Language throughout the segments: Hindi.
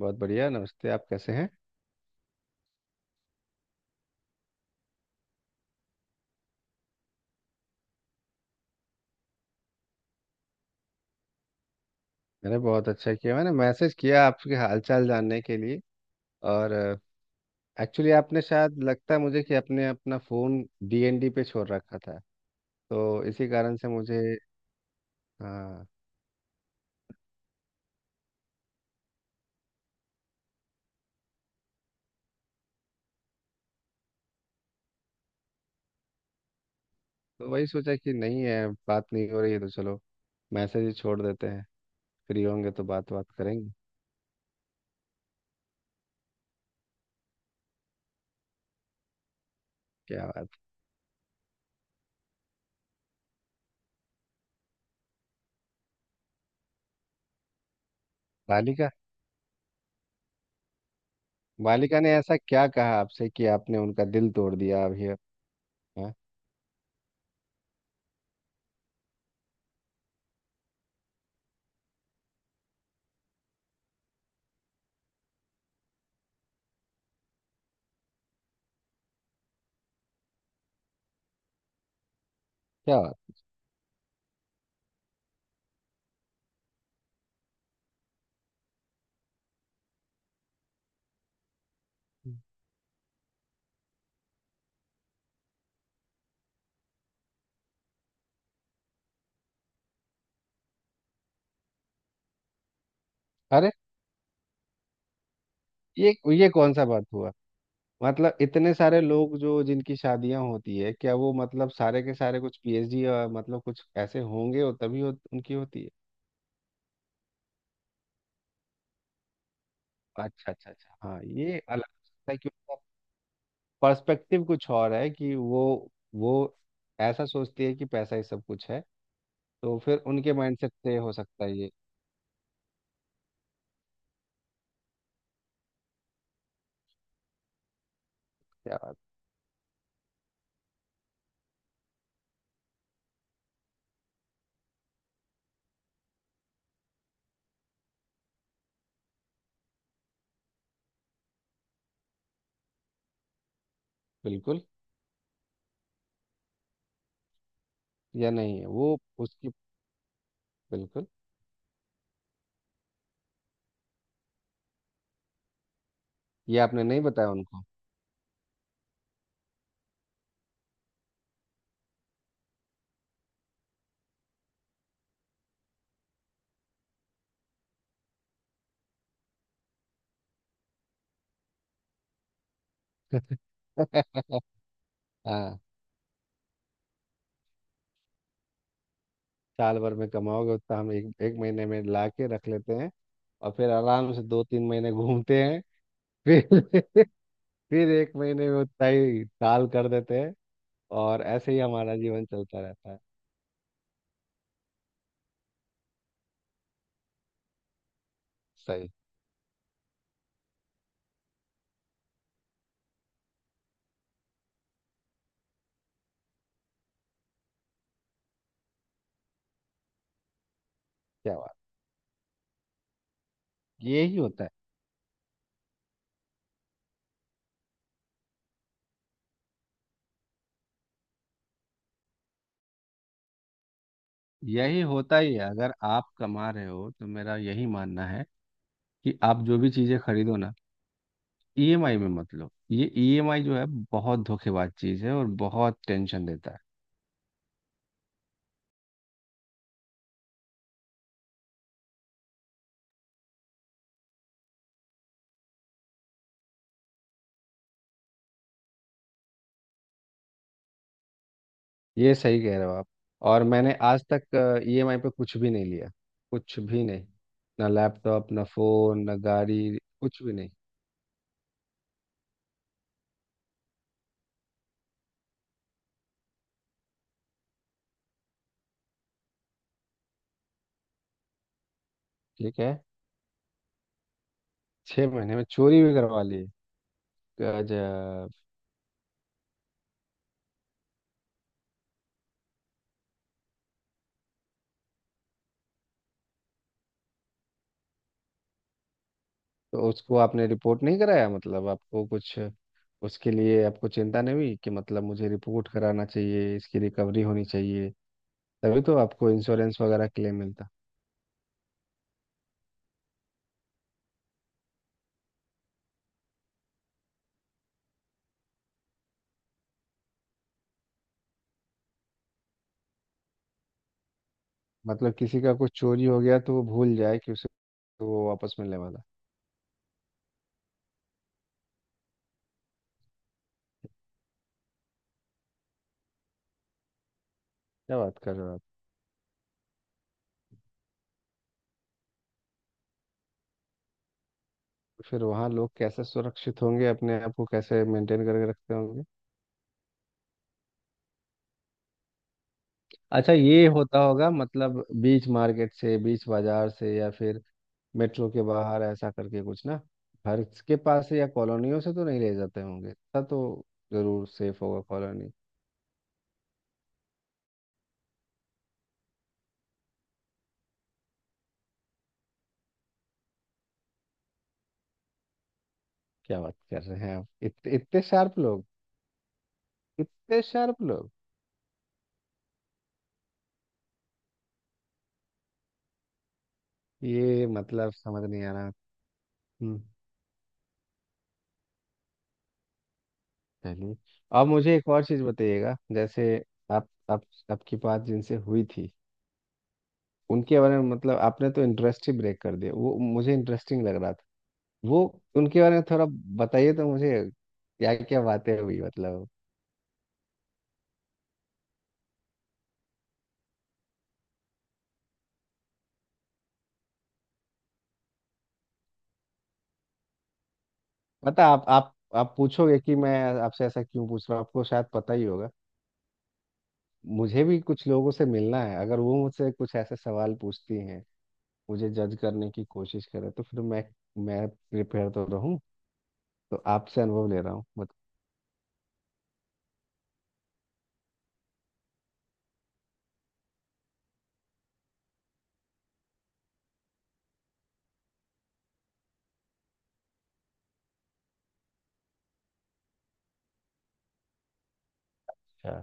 बहुत बढ़िया, नमस्ते, आप कैसे हैं। मैंने बहुत अच्छा किया, मैंने मैसेज किया आपके हालचाल जानने के लिए। और एक्चुअली आपने शायद, लगता है मुझे कि आपने अपना फ़ोन डीएनडी पे छोड़ रखा था, तो इसी कारण से मुझे। हाँ, तो वही सोचा कि नहीं है, बात नहीं हो रही है, तो चलो मैसेज ही छोड़ देते हैं, फ्री होंगे तो बात बात करेंगे। क्या बात। बालिका। बालिका ने ऐसा क्या कहा आपसे कि आपने उनका दिल तोड़ दिया अभी। हाँ। क्या बात। अरे ये ये कौन सा बात हुआ। मतलब इतने सारे लोग जो जिनकी शादियां होती है, क्या वो मतलब सारे के सारे कुछ पीएचडी और मतलब कुछ ऐसे होंगे और तभी हो, उनकी होती है। अच्छा अच्छा अच्छा, हाँ, ये अलग हो सकता है कि उनका पर्सपेक्टिव कुछ और है कि वो ऐसा सोचती है कि पैसा ही सब कुछ है। तो फिर उनके माइंडसेट से हो सकता है ये। क्या बात। बिल्कुल। या नहीं है वो उसकी। बिल्कुल। ये आपने नहीं बताया उनको। हाँ। साल भर में कमाओगे उतना हम एक एक महीने में ला के रख लेते हैं। और फिर आराम से दो तीन महीने घूमते हैं। फिर फिर एक महीने में उतना ही साल कर देते हैं। और ऐसे ही हमारा जीवन चलता रहता है। सही। क्या बात। यही होता है। यही होता ही है, अगर आप कमा रहे हो। तो मेरा यही मानना है कि आप जो भी चीज़ें खरीदो ना, ईएमआई में मत लो। ये ईएमआई जो है, बहुत धोखेबाज चीज़ है और बहुत टेंशन देता है। ये सही कह रहे हो आप। और मैंने आज तक ईएमआई पे कुछ भी नहीं लिया। कुछ भी नहीं। ना लैपटॉप, ना फोन, ना गाड़ी, कुछ भी नहीं। ठीक है। छह महीने में चोरी भी करवा ली। गजब। तो उसको आपने रिपोर्ट नहीं कराया, मतलब आपको कुछ, उसके लिए आपको चिंता नहीं हुई कि मतलब मुझे रिपोर्ट कराना चाहिए, इसकी रिकवरी होनी चाहिए। तभी तो आपको इंश्योरेंस वगैरह क्लेम मिलता। मतलब किसी का कुछ चोरी हो गया तो वो भूल जाए कि उसे वो वापस मिलने वाला। क्या बात कर रहे हो आप? फिर वहाँ लोग कैसे सुरक्षित होंगे, अपने आप को कैसे मेंटेन करके रखते होंगे। अच्छा, ये होता होगा मतलब बीच मार्केट से, बीच बाजार से, या फिर मेट्रो के बाहर ऐसा करके कुछ ना, घर के पास से या कॉलोनियों से तो नहीं ले जाते होंगे, तब तो जरूर सेफ होगा कॉलोनी। क्या बात कर रहे हैं आप, इतने शार्प लोग। इतने शार्प लोग। ये मतलब समझ नहीं आ रहा। हम्म। चलिए, अब मुझे एक और चीज़ बताइएगा। जैसे आप आपकी बात जिनसे हुई थी, उनके बारे में, मतलब आपने तो इंटरेस्ट ही ब्रेक कर दिया, वो मुझे इंटरेस्टिंग लग रहा था। वो उनके बारे में थोड़ा बताइए तो मुझे, क्या क्या बातें हुई मतलब। पता, आप पूछोगे कि मैं आपसे ऐसा क्यों पूछ रहा हूँ। आपको शायद पता ही होगा। मुझे भी कुछ लोगों से मिलना है, अगर वो मुझसे कुछ ऐसे सवाल पूछती हैं, मुझे जज करने की कोशिश करे, तो फिर मैं प्रिपेयर तो रहूँ। तो आपसे अनुभव ले रहा हूँ अच्छा,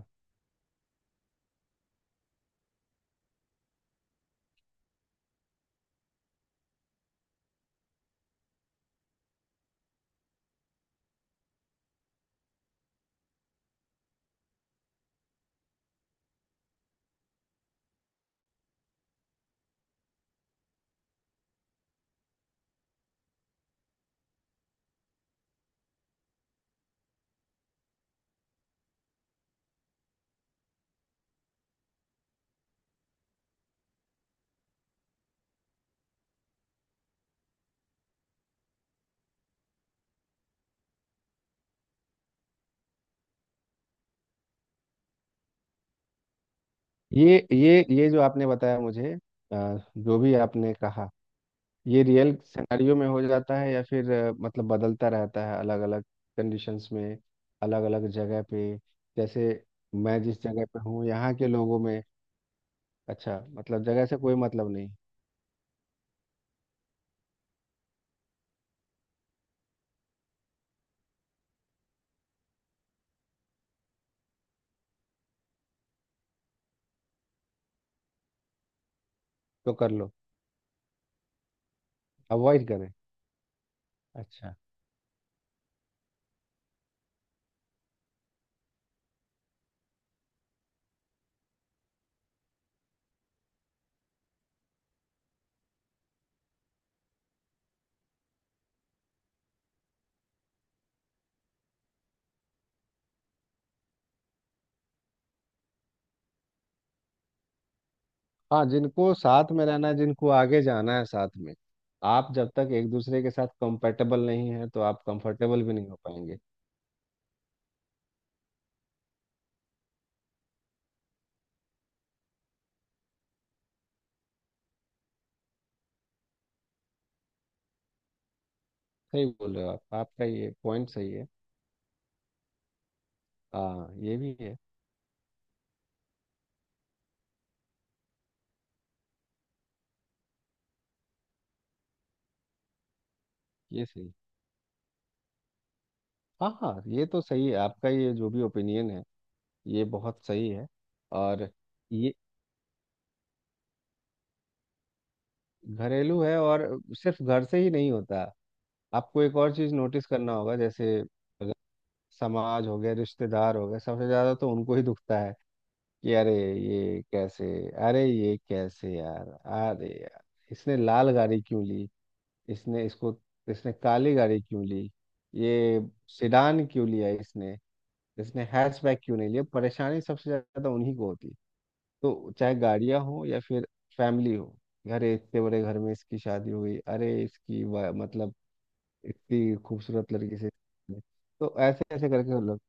ये ये जो आपने बताया मुझे, जो भी आपने कहा, ये रियल सिनेरियो में हो जाता है या फिर मतलब बदलता रहता है अलग अलग कंडीशंस में, अलग अलग जगह पे। जैसे मैं जिस जगह पे हूँ, यहाँ के लोगों में। अच्छा, मतलब जगह से कोई मतलब नहीं। तो कर लो। अवॉइड करें। अच्छा। हाँ, जिनको साथ में रहना है, जिनको आगे जाना है साथ में। आप जब तक एक दूसरे के साथ कंफर्टेबल नहीं है, तो आप कंफर्टेबल भी नहीं हो पाएंगे। सही बोल रहे हो आप, आपका ये पॉइंट सही है। हाँ, ये भी है। ये सही है। हाँ हाँ, ये तो सही है, आपका ये जो भी ओपिनियन है, ये बहुत सही है। और ये घरेलू है, और सिर्फ घर से ही नहीं होता। आपको एक और चीज़ नोटिस करना होगा, जैसे अगर समाज हो गया, रिश्तेदार हो गए, सबसे ज़्यादा तो उनको ही दुखता है कि अरे ये कैसे, अरे ये कैसे यार, अरे यार, इसने लाल गाड़ी क्यों ली, इसने इसको, इसने काली गाड़ी क्यों ली, ये सिडान क्यों लिया इसने, इसने हैचबैक क्यों नहीं लिया। परेशानी सबसे ज़्यादा उन्हीं को होती है। तो चाहे गाड़ियां हो या फिर फैमिली हो, अरे इतने बड़े घर में इसकी शादी हो गई, अरे इसकी मतलब इतनी खूबसूरत लड़की से। तो ऐसे ऐसे करके वो लोग।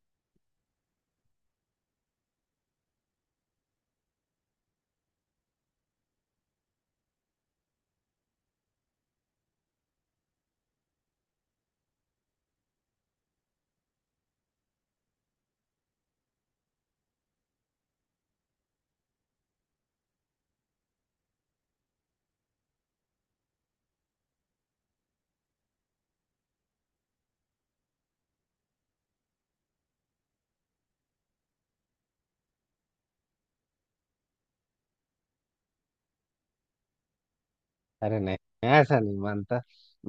अरे नहीं, मैं ऐसा नहीं मानता।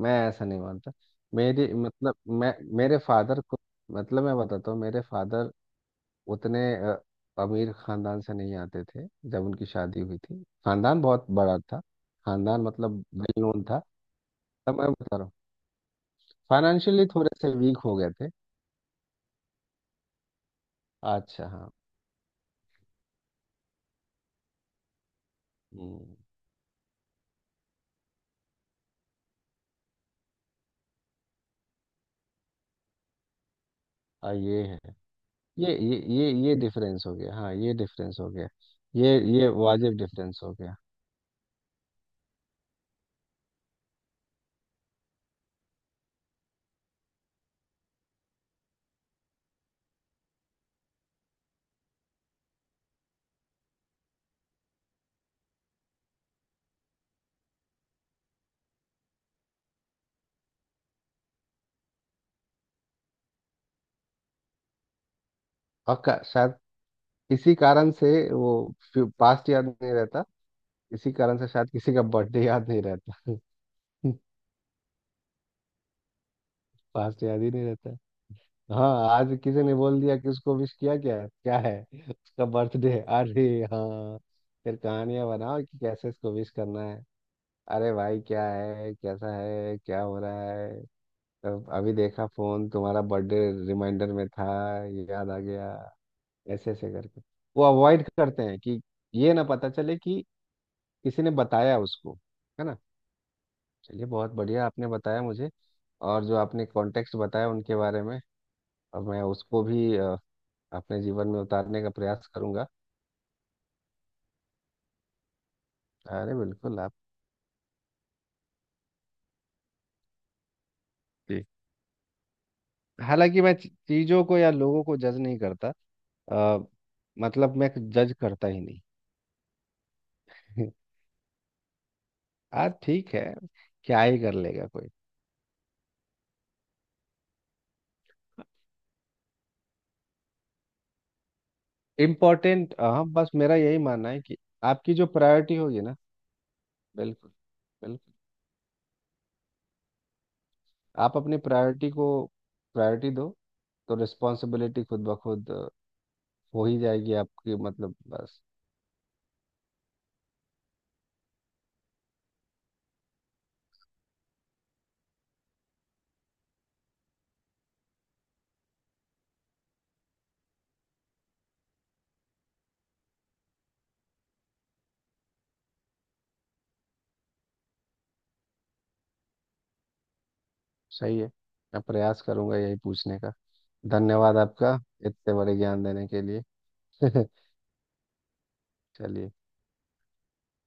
मैं ऐसा नहीं मानता। मेरी मतलब, मैं मेरे फादर को, मतलब मैं बताता हूँ, मेरे फादर उतने अमीर खानदान से नहीं आते थे जब उनकी शादी हुई थी। खानदान बहुत बड़ा था। खानदान मतलब वेल नोन था, तब मैं बता रहा हूँ। फाइनेंशियली थोड़े से वीक हो गए थे। अच्छा, हाँ। हम्म। हाँ ये है। ये डिफरेंस हो गया, हाँ ये डिफरेंस हो गया। ये वाजिब डिफरेंस हो गया। और शायद इसी कारण से वो पास्ट याद नहीं रहता। इसी कारण से शायद किसी का बर्थडे याद नहीं रहता। पास्ट याद ही नहीं रहता। हाँ, आज किसी ने बोल दिया कि उसको विश किया, क्या है क्या है, उसका बर्थडे है, अरे हाँ, फिर कहानियां बनाओ कि कैसे इसको विश करना है, अरे भाई क्या है, कैसा है, क्या हो रहा है, तब अभी देखा फोन, तुम्हारा बर्थडे रिमाइंडर में था, ये याद आ गया। ऐसे ऐसे करके वो अवॉइड करते हैं कि ये ना पता चले कि किसी ने बताया उसको, है ना। चलिए, बहुत बढ़िया, आपने बताया मुझे। और जो आपने कॉन्टेक्स्ट बताया उनके बारे में, और मैं उसको भी अपने जीवन में उतारने का प्रयास करूंगा। अरे बिल्कुल आप। जी। हालांकि मैं चीजों को या लोगों को जज नहीं करता। अ, मतलब मैं जज करता ही नहीं। आज ठीक है, क्या ही कर लेगा कोई। इम्पोर्टेंट, हाँ, बस मेरा यही मानना है कि आपकी जो प्रायोरिटी होगी ना, बिल्कुल। बिल्कुल, आप अपनी प्रायोरिटी को प्रायोरिटी दो, तो रिस्पॉन्सिबिलिटी खुद ब खुद हो ही जाएगी आपकी, मतलब बस। सही है, मैं प्रयास करूंगा यही पूछने का। धन्यवाद आपका, इतने बड़े ज्ञान देने के लिए। चलिए।